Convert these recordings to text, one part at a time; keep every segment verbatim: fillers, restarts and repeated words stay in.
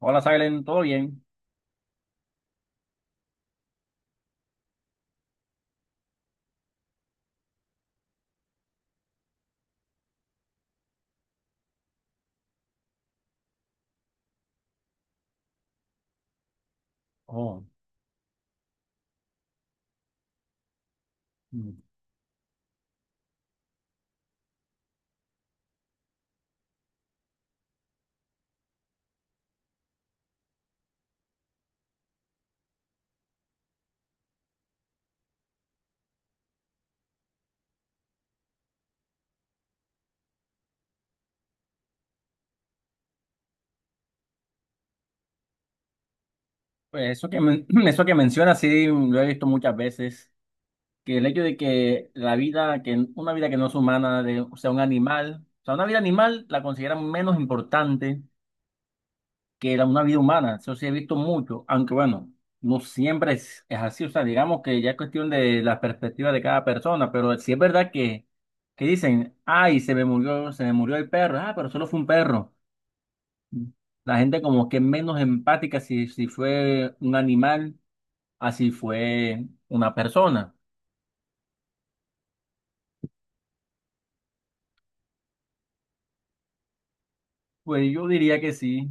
Hola, Silen, ¿todo bien? Oh, mm. Pues eso que, men- eso que mencionas, sí, lo he visto muchas veces, que el hecho de que la vida, que una vida que no es humana, de, o sea, un animal, o sea, una vida animal la consideran menos importante que la, una vida humana, eso sí he visto mucho, aunque bueno, no siempre es, es, así, o sea, digamos que ya es cuestión de la perspectiva de cada persona, pero sí es verdad que, que dicen, ay, se me murió, se me murió el perro, ah, pero solo fue un perro. La gente como que es menos empática si, si fue un animal, así fue una persona. Pues yo diría que sí.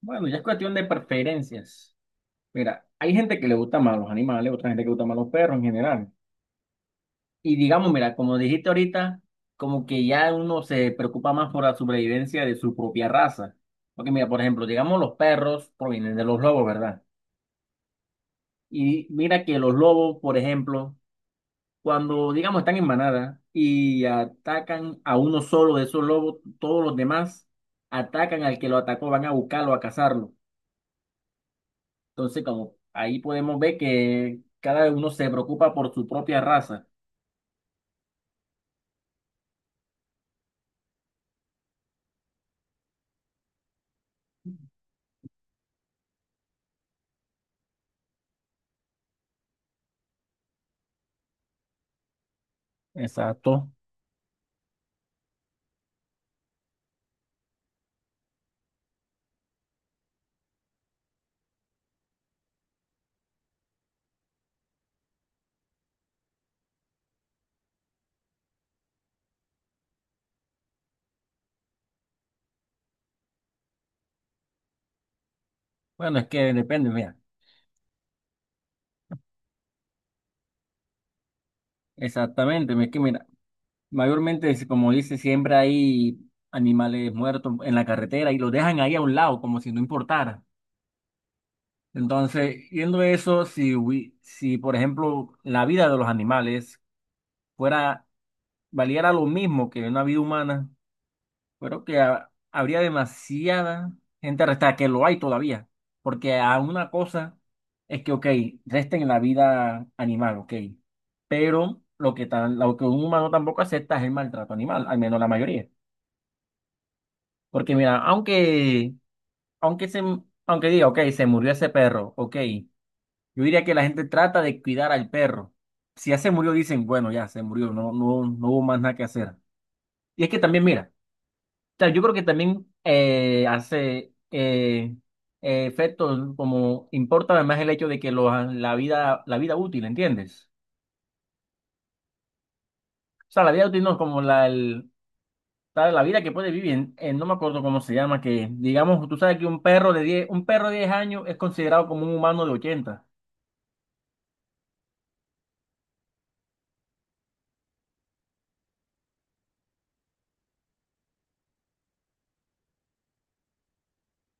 Bueno, ya es cuestión de preferencias. Mira, hay gente que le gusta más los animales, otra gente que le gusta más los perros en general. Y digamos, mira, como dijiste ahorita, como que ya uno se preocupa más por la supervivencia de su propia raza. Porque mira, por ejemplo, digamos los perros provienen de los lobos, ¿verdad? Y mira que los lobos, por ejemplo, cuando, digamos, están en manada y atacan a uno solo de esos lobos, todos los demás atacan al que lo atacó, van a buscarlo, a cazarlo. Entonces, como ahí podemos ver que cada uno se preocupa por su propia raza. Exacto. Bueno, es que depende, mira. Exactamente, es que mira, mayormente, es como dice, siempre hay animales muertos en la carretera y los dejan ahí a un lado, como si no importara. Entonces, viendo eso, si, hubi- si por ejemplo la vida de los animales fuera, valiera lo mismo que una vida humana, pero que ha- habría demasiada gente arrestada, que lo hay todavía. Porque a una cosa es que, ok, resten la vida animal, ok. Pero lo que, tan, lo que un humano tampoco acepta es el maltrato animal, al menos la mayoría. Porque mira, aunque, aunque, se, aunque diga, ok, se murió ese perro, ok, yo diría que la gente trata de cuidar al perro. Si ya se murió, dicen, bueno, ya se murió, no, no, no hubo más nada que hacer. Y es que también, mira, sea, yo creo que también eh, hace eh, eh, efecto, como importa además el hecho de que los, la vida, la vida útil, ¿entiendes? O sea, la vida útil no es como la, el- tal, la vida que puede vivir, en- en- no me acuerdo cómo se llama, que digamos, tú sabes que un perro de diez un perro de diez años es considerado como un humano de ochenta.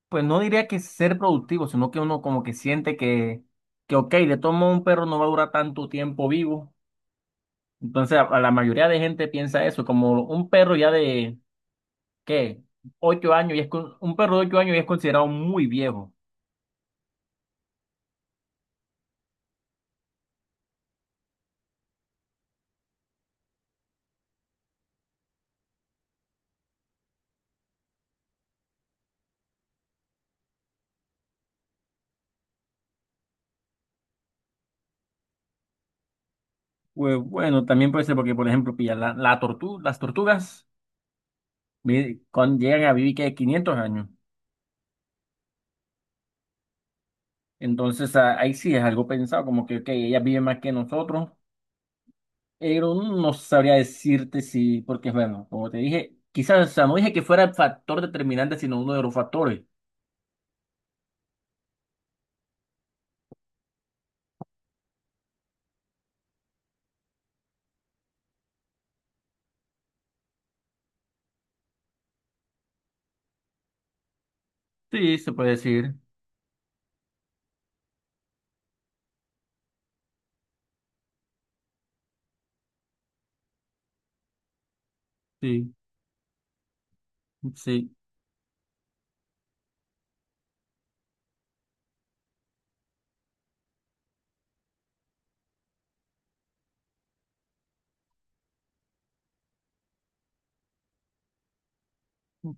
Pues no diría que ser productivo, sino que uno como que siente que, que ok, de todo modo un perro no va a durar tanto tiempo vivo. Entonces, a, a la mayoría de gente piensa eso, como un perro ya de ¿qué? Ocho años y es con, un perro de ocho años ya es considerado muy viejo. Pues bueno, también puede ser porque, por ejemplo, pilla la, la tortu- las tortugas vi- con- llegan a vivir que quinientos años. Entonces a- ahí sí es algo pensado, como que ok, ellas viven más que nosotros, pero no sabría decirte si, porque bueno, como te dije, quizás, o sea, no dije que fuera el factor determinante, sino uno de los factores. Sí, se puede decir, sí, sí,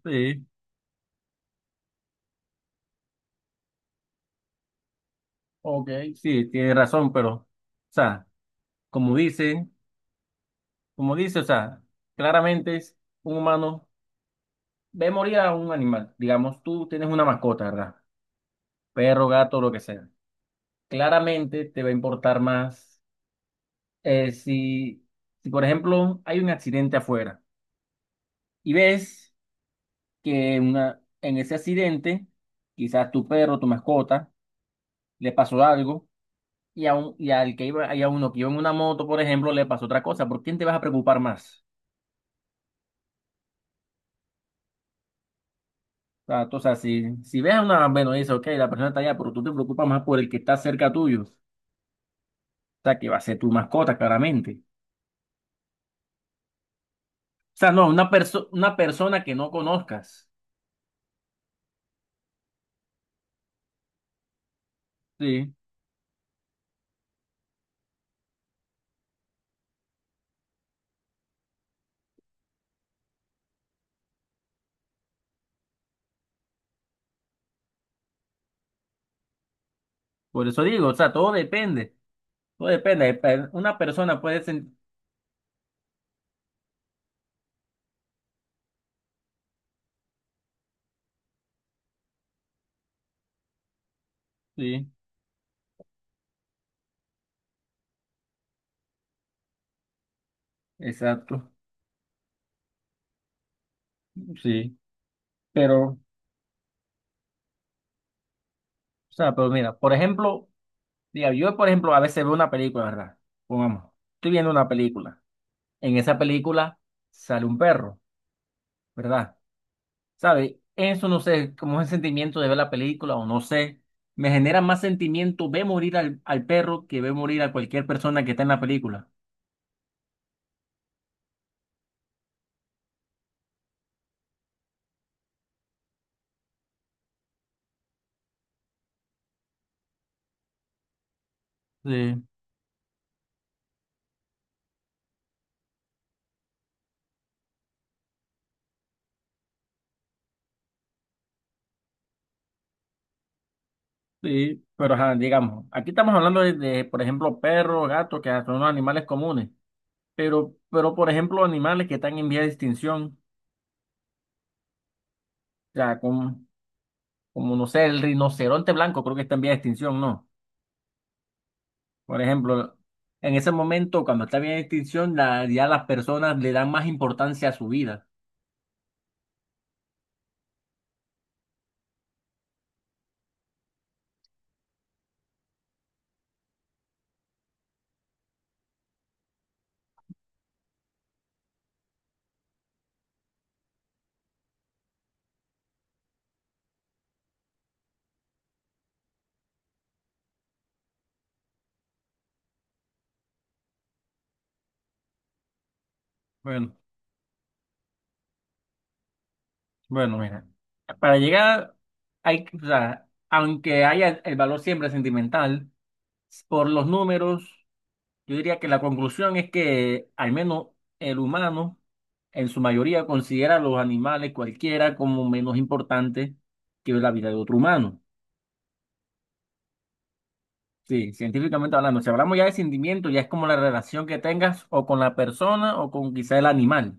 sí, ok, sí, tienes razón, pero, o sea, como dice. Como dice, o sea, claramente es un humano ve morir a un animal. Digamos, tú tienes una mascota, ¿verdad? Perro, gato, lo que sea. Claramente te va a importar más eh, si, si, por ejemplo, hay un accidente afuera y ves que una, en ese accidente, quizás tu perro, tu mascota, le pasó algo y, a un- y al que iba, y a uno que iba en una moto, por ejemplo, le pasó otra cosa. ¿Por quién te vas a preocupar más? O sea, tú- o sea, si, si ves a una bueno, y dices, ok, la persona está allá, pero tú te preocupas más por el que está cerca tuyo. O sea, que va a ser tu mascota, claramente. O sea, no, una, perso- una persona que no conozcas. Sí, por eso digo, o sea, todo depende. Todo depende. pe- Una persona puede sentir. Sí, exacto. Sí, pero, o sea, pero mira, por ejemplo, diga, yo, por ejemplo, a veces veo una película, ¿verdad? Pongamos, estoy viendo una película. En esa película sale un perro, ¿verdad? ¿Sabe? Eso no sé, como es el sentimiento de ver la película o no sé. Me genera más sentimiento ver morir al, al perro que ver morir a cualquier persona que está en la película. Sí, Sí, pero ajá, digamos, aquí estamos hablando de, de, por ejemplo, perros, gatos, que son animales comunes, pero, pero, por ejemplo, animales que están en vía de extinción, o sea, como, como, no sé, el rinoceronte blanco creo que está en vía de extinción, ¿no? Por ejemplo, en ese momento, cuando está en vía de extinción, la- ya las personas le dan más importancia a su vida. bueno Bueno, mira, para llegar, hay, que- o sea, aunque haya el valor siempre sentimental, por los números, yo diría que la conclusión es que al menos el humano, en su mayoría, considera a los animales cualquiera como menos importante que la vida de otro humano. Sí, científicamente hablando, si hablamos ya de sentimiento, ya es como la relación que tengas o con la persona o con quizá el animal.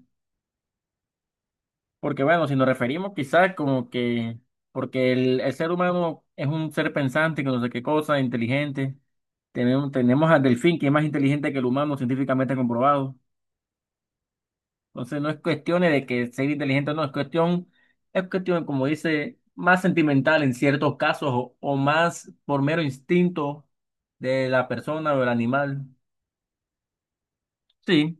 Porque bueno, si nos referimos quizás como que, porque el, el ser humano es un ser pensante, que no sé qué cosa, inteligente. Tenemos, tenemos al delfín, que es más inteligente que el humano, científicamente comprobado. Entonces no es cuestión de que ser inteligente o no, es cuestión, es cuestión, como dice, más sentimental en ciertos casos o, o más por mero instinto de la persona o del animal. Sí,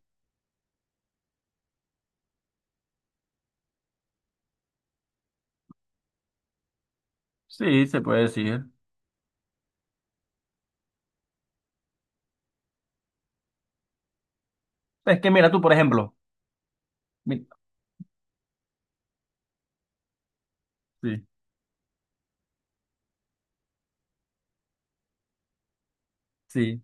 sí, se puede decir. Es que mira tú, por ejemplo, mi- sí, sí,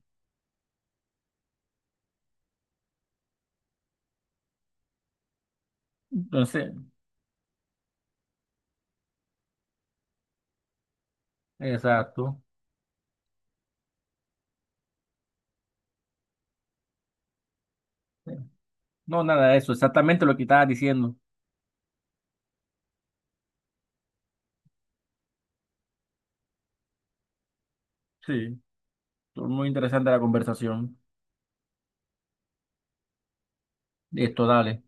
entonces, exacto. No, nada de eso, exactamente lo que estaba diciendo. Sí, estuvo muy interesante la conversación. Esto, dale.